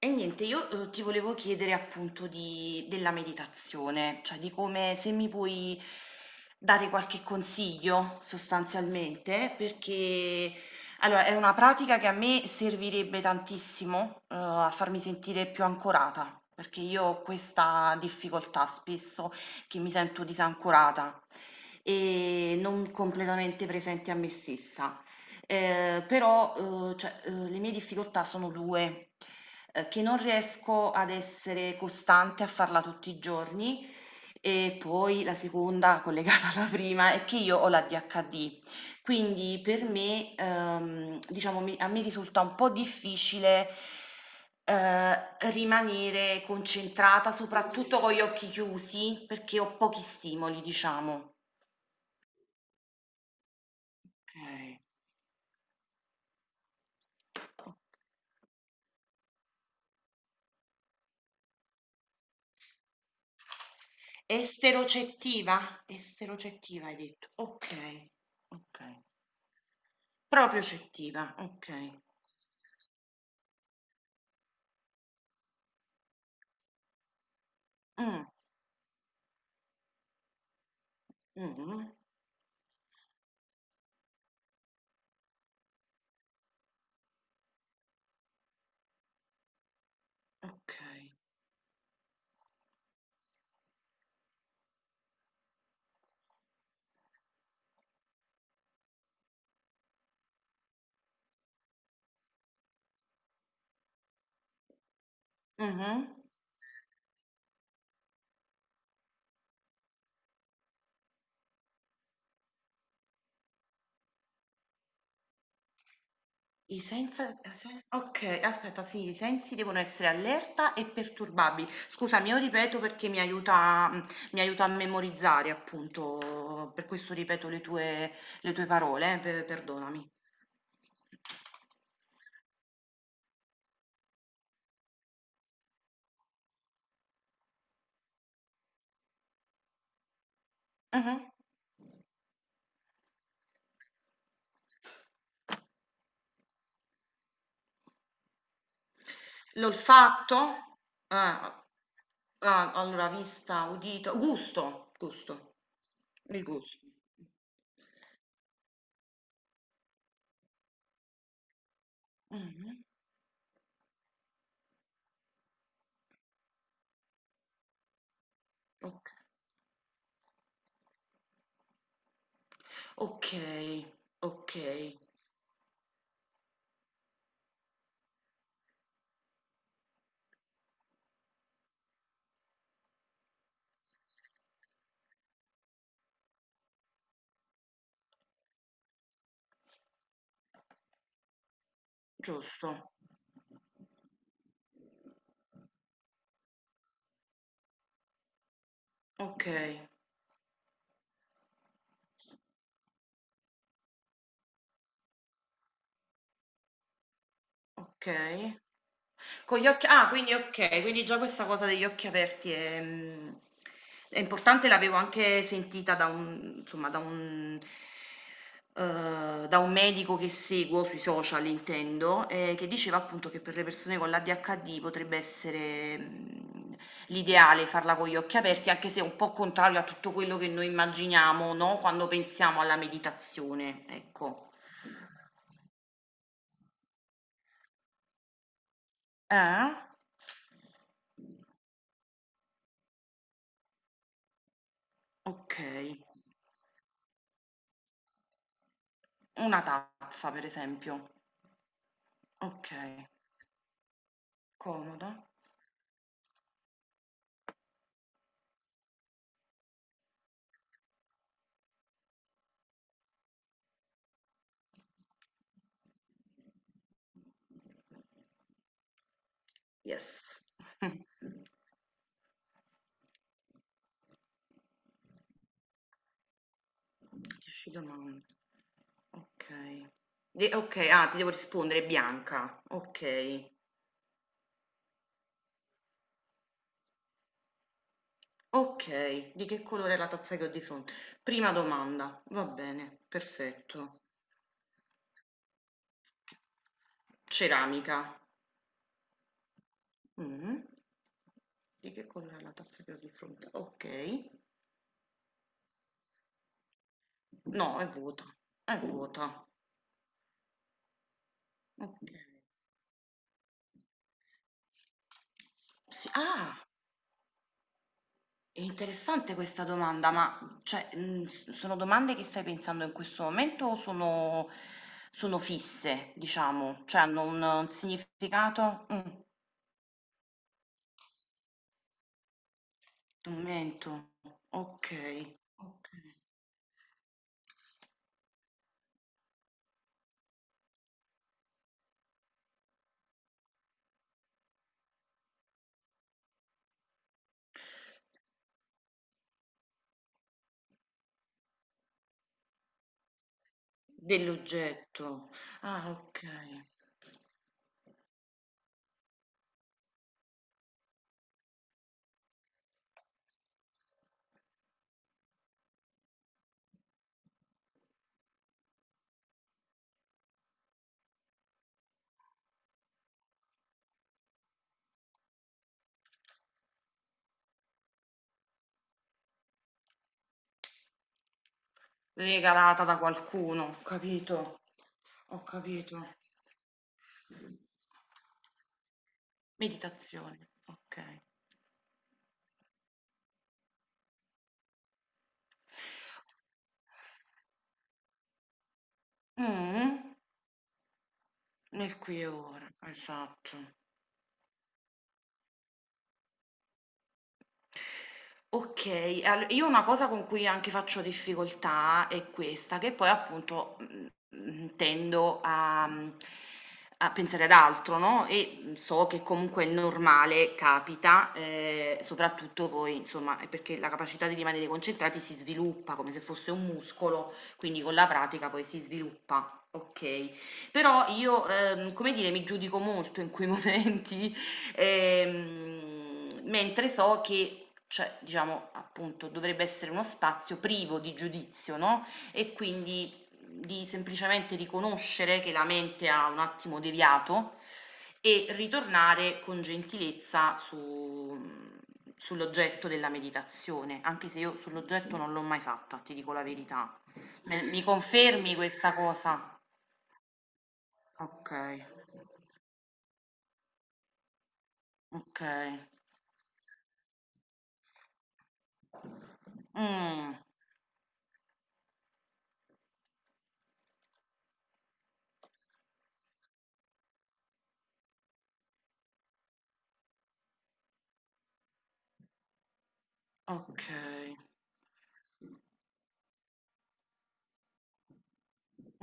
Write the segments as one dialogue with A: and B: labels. A: E niente, io, ti volevo chiedere appunto di della meditazione, cioè di come se mi puoi dare qualche consiglio sostanzialmente, perché allora è una pratica che a me servirebbe tantissimo, a farmi sentire più ancorata, perché io ho questa difficoltà spesso che mi sento disancorata e non completamente presente a me stessa. Però, cioè, le mie difficoltà sono 2, che non riesco ad essere costante a farla tutti i giorni e poi la seconda, collegata alla prima, è che io ho l'ADHD. Quindi per me, diciamo mi a me risulta un po' difficile, ehm, rimanere concentrata, soprattutto con gli occhi chiusi, perché ho pochi stimoli, diciamo. Okay. O esterocettiva, esterocettiva hai detto, okay. Okay, proprio cettiva, okay. Mm, mm, okay. Mhm. I sensi, okay, aspetta, sì, i sensi devono essere allerta e perturbabili, scusa, io ripeto perché mi aiuta, mi aiuta a memorizzare, appunto per questo ripeto le tue parole, perdonami. Mhm. L'olfatto? Ah, ah, allora vista, udito, gusto, gusto, il gusto. Mhm, ok, ok, ok, giusto. Ok, ok. Con gli occhi, ah, quindi okay, quindi già questa cosa degli occhi aperti è, è importante, l'avevo anche sentita da un, insomma, da un, da un medico che seguo sui social, intendo, che diceva appunto che per le persone con l'ADHD potrebbe essere, l'ideale farla con gli occhi aperti, anche se è un po' contrario a tutto quello che noi immaginiamo, no, quando pensiamo alla meditazione, ecco. Eh? Okay. Una tazza, per esempio. Okay, comodo. Yes. Dieci domande. Okay. De okay, ah, ti devo rispondere, è bianca. Okay, okay. Di che colore è la tazza che ho di fronte? Prima domanda, va bene, perfetto. Ceramica. Mh-mh. Di che colore è la tazza che ho di fronte? Okay. No, è vuota, è vuota. Okay. Sì, ah, è interessante questa domanda, ma cioè, s sono domande che stai pensando in questo momento o sono sono fisse, diciamo? Cioè hanno un significato? Commento. Okay, okay. Dell'oggetto. Ah, okay. Regalata da qualcuno, capito. Ho capito. Meditazione, okay. Mh-mh, nel qui e ora, esatto. Okay, al io una cosa con cui anche faccio difficoltà è questa, che poi appunto, tendo a, a pensare ad altro, no, e, so che comunque è normale, capita, soprattutto poi, insomma, è perché la capacità di rimanere concentrati si sviluppa come se fosse un muscolo, quindi con la pratica poi si sviluppa, okay. Però io, come dire, mi giudico molto in quei momenti. Mentre so che, cioè, diciamo, appunto, dovrebbe essere uno spazio privo di giudizio, no, e quindi di semplicemente riconoscere che la mente ha un attimo deviato e ritornare con gentilezza su, mhmm, sull'oggetto della meditazione, anche se io sull'oggetto non l'ho mai fatta, ti dico la verità. Me Mi confermi questa cosa? Okay, okay. Mh. Okay.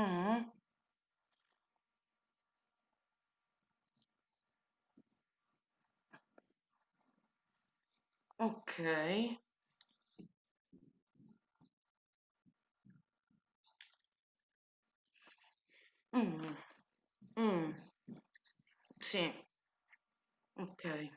A: Mh-mh, okay. Mh. Mh. Sì, okay.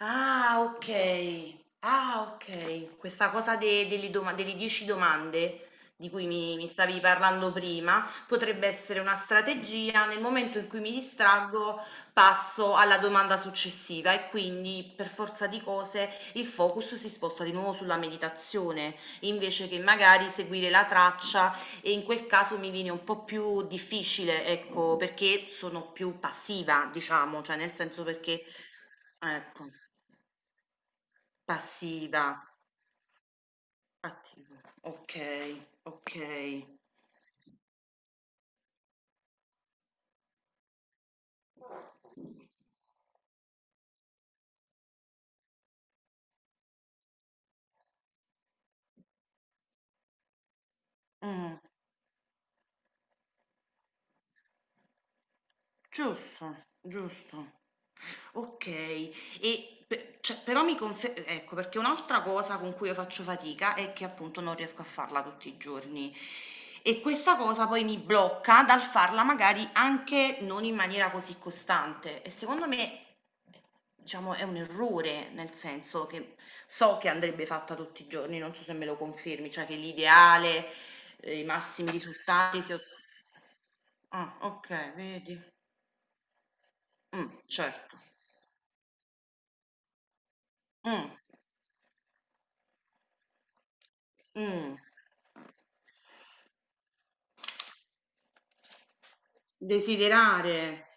A: Ah, okay. Ah, okay. Questa cosa de delle doma delle 10 domande di cui mi stavi parlando prima, potrebbe essere una strategia. Nel momento in cui mi distraggo, passo alla domanda successiva e quindi, per forza di cose, il focus si sposta di nuovo sulla meditazione, invece che magari seguire la traccia e in quel caso mi viene un po' più difficile, ecco, perché sono più passiva, diciamo, cioè nel senso perché ecco. Passiva, attiva, okay, okay. Mh. Giusto, giusto. Okay. E pe cioè però mi confe ecco, perché un'altra cosa con cui io faccio fatica è che appunto non riesco a farla tutti i giorni e questa cosa poi mi blocca dal farla magari anche non in maniera così costante e secondo me, diciamo, è un errore, nel senso che so che andrebbe fatta tutti i giorni, non so se me lo confermi, cioè che l'ideale, i massimi risultati si o ah, okay, vedi. Certo. Mh. Mh. Desiderare.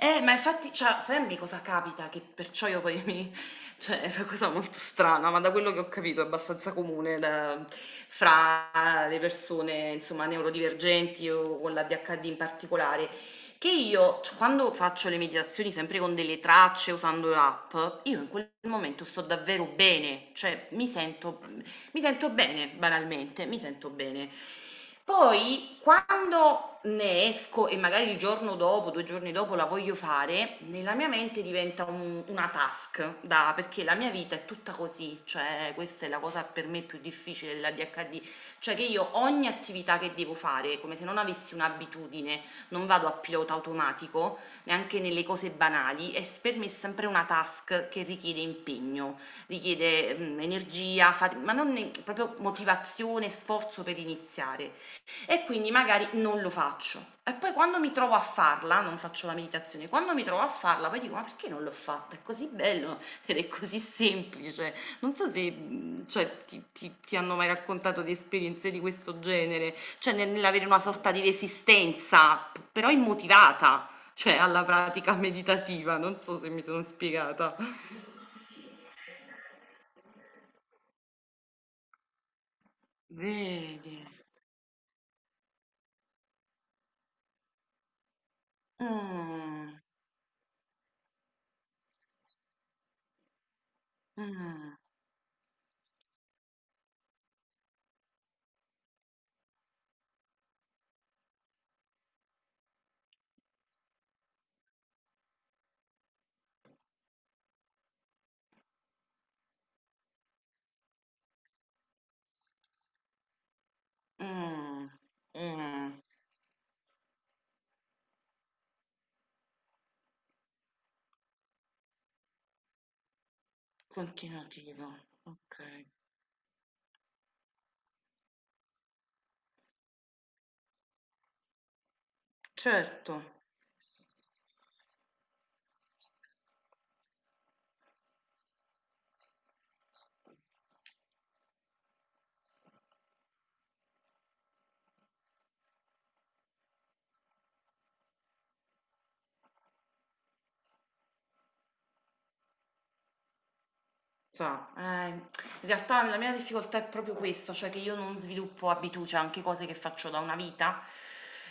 A: Ma infatti, cioè, fammi, cosa capita che perciò io poi mi, cioè è una cosa molto strana, ma da quello che ho capito è abbastanza comune da fra le persone, insomma, neurodivergenti o con l'ADHD in particolare, che io c quando faccio le meditazioni sempre con delle tracce, usando l'app, io in quel momento sto davvero bene, cioè mi sento, mi sento bene, banalmente, mi sento bene. Poi quando ne esco e magari il giorno dopo, 2 giorni dopo la voglio fare, nella mia mente diventa un una task da perché la mia vita è tutta così, cioè questa è la cosa per me più difficile dell'ADHD, cioè che io ogni attività che devo fare, come se non avessi un'abitudine, non vado a pilota automatico, neanche nelle cose banali, è s per me è sempre una task che richiede impegno, richiede, energia, fati ma non ne proprio motivazione, sforzo per iniziare. E quindi magari non lo faccio. E poi quando mi trovo a farla, non faccio la meditazione, quando mi trovo a farla poi dico: "Ma perché non l'ho fatta? È così bello ed è così semplice". Non so se, cioè ti hanno mai raccontato di esperienze di questo genere, cioè nell'avere una sorta di resistenza, p però immotivata, cioè alla pratica meditativa, non so se mi sono spiegata. Vedi. Mh, mh, mh, mh. Continuativo, okay. Certo, sa, in realtà la mia difficoltà è proprio questa, cioè che io non sviluppo abitu cioè anche cose che faccio da una vita,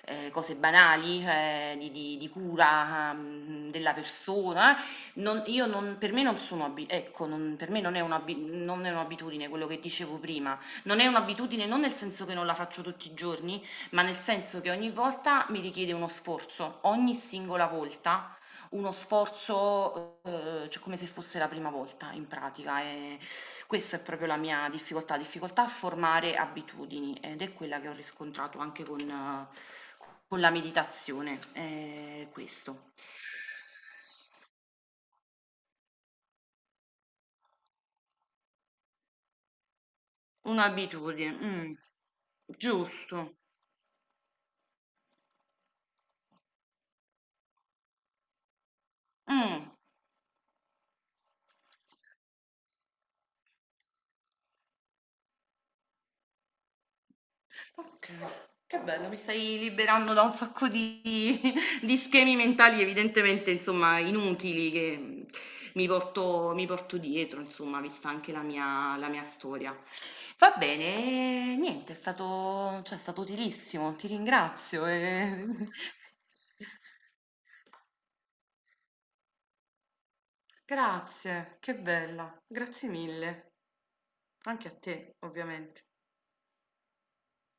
A: cose banali, di cura, della persona, non io non per me non sono abi ecco, non per me non è un'abi non è un'abitudine quello che dicevo prima. Non è un'abitudine non nel senso che non la faccio tutti i giorni, ma nel senso che ogni volta mi richiede uno sforzo, ogni singola volta. Uno sforzo, cioè come se fosse la prima volta, in pratica, questa è proprio la mia difficoltà, difficoltà a formare abitudini ed è quella che ho riscontrato anche con la meditazione, questo. Un'abitudine. Giusto. Mh. Okay, che bello, mi stai liberando da un sacco di di schemi mentali, evidentemente, insomma, inutili che, mi porto dietro, insomma, vista anche la mia storia. Va bene, niente, è stato, cioè è stato utilissimo, ti ringrazio, ehm. Grazie, che bella, grazie mille. Anche a te, ovviamente.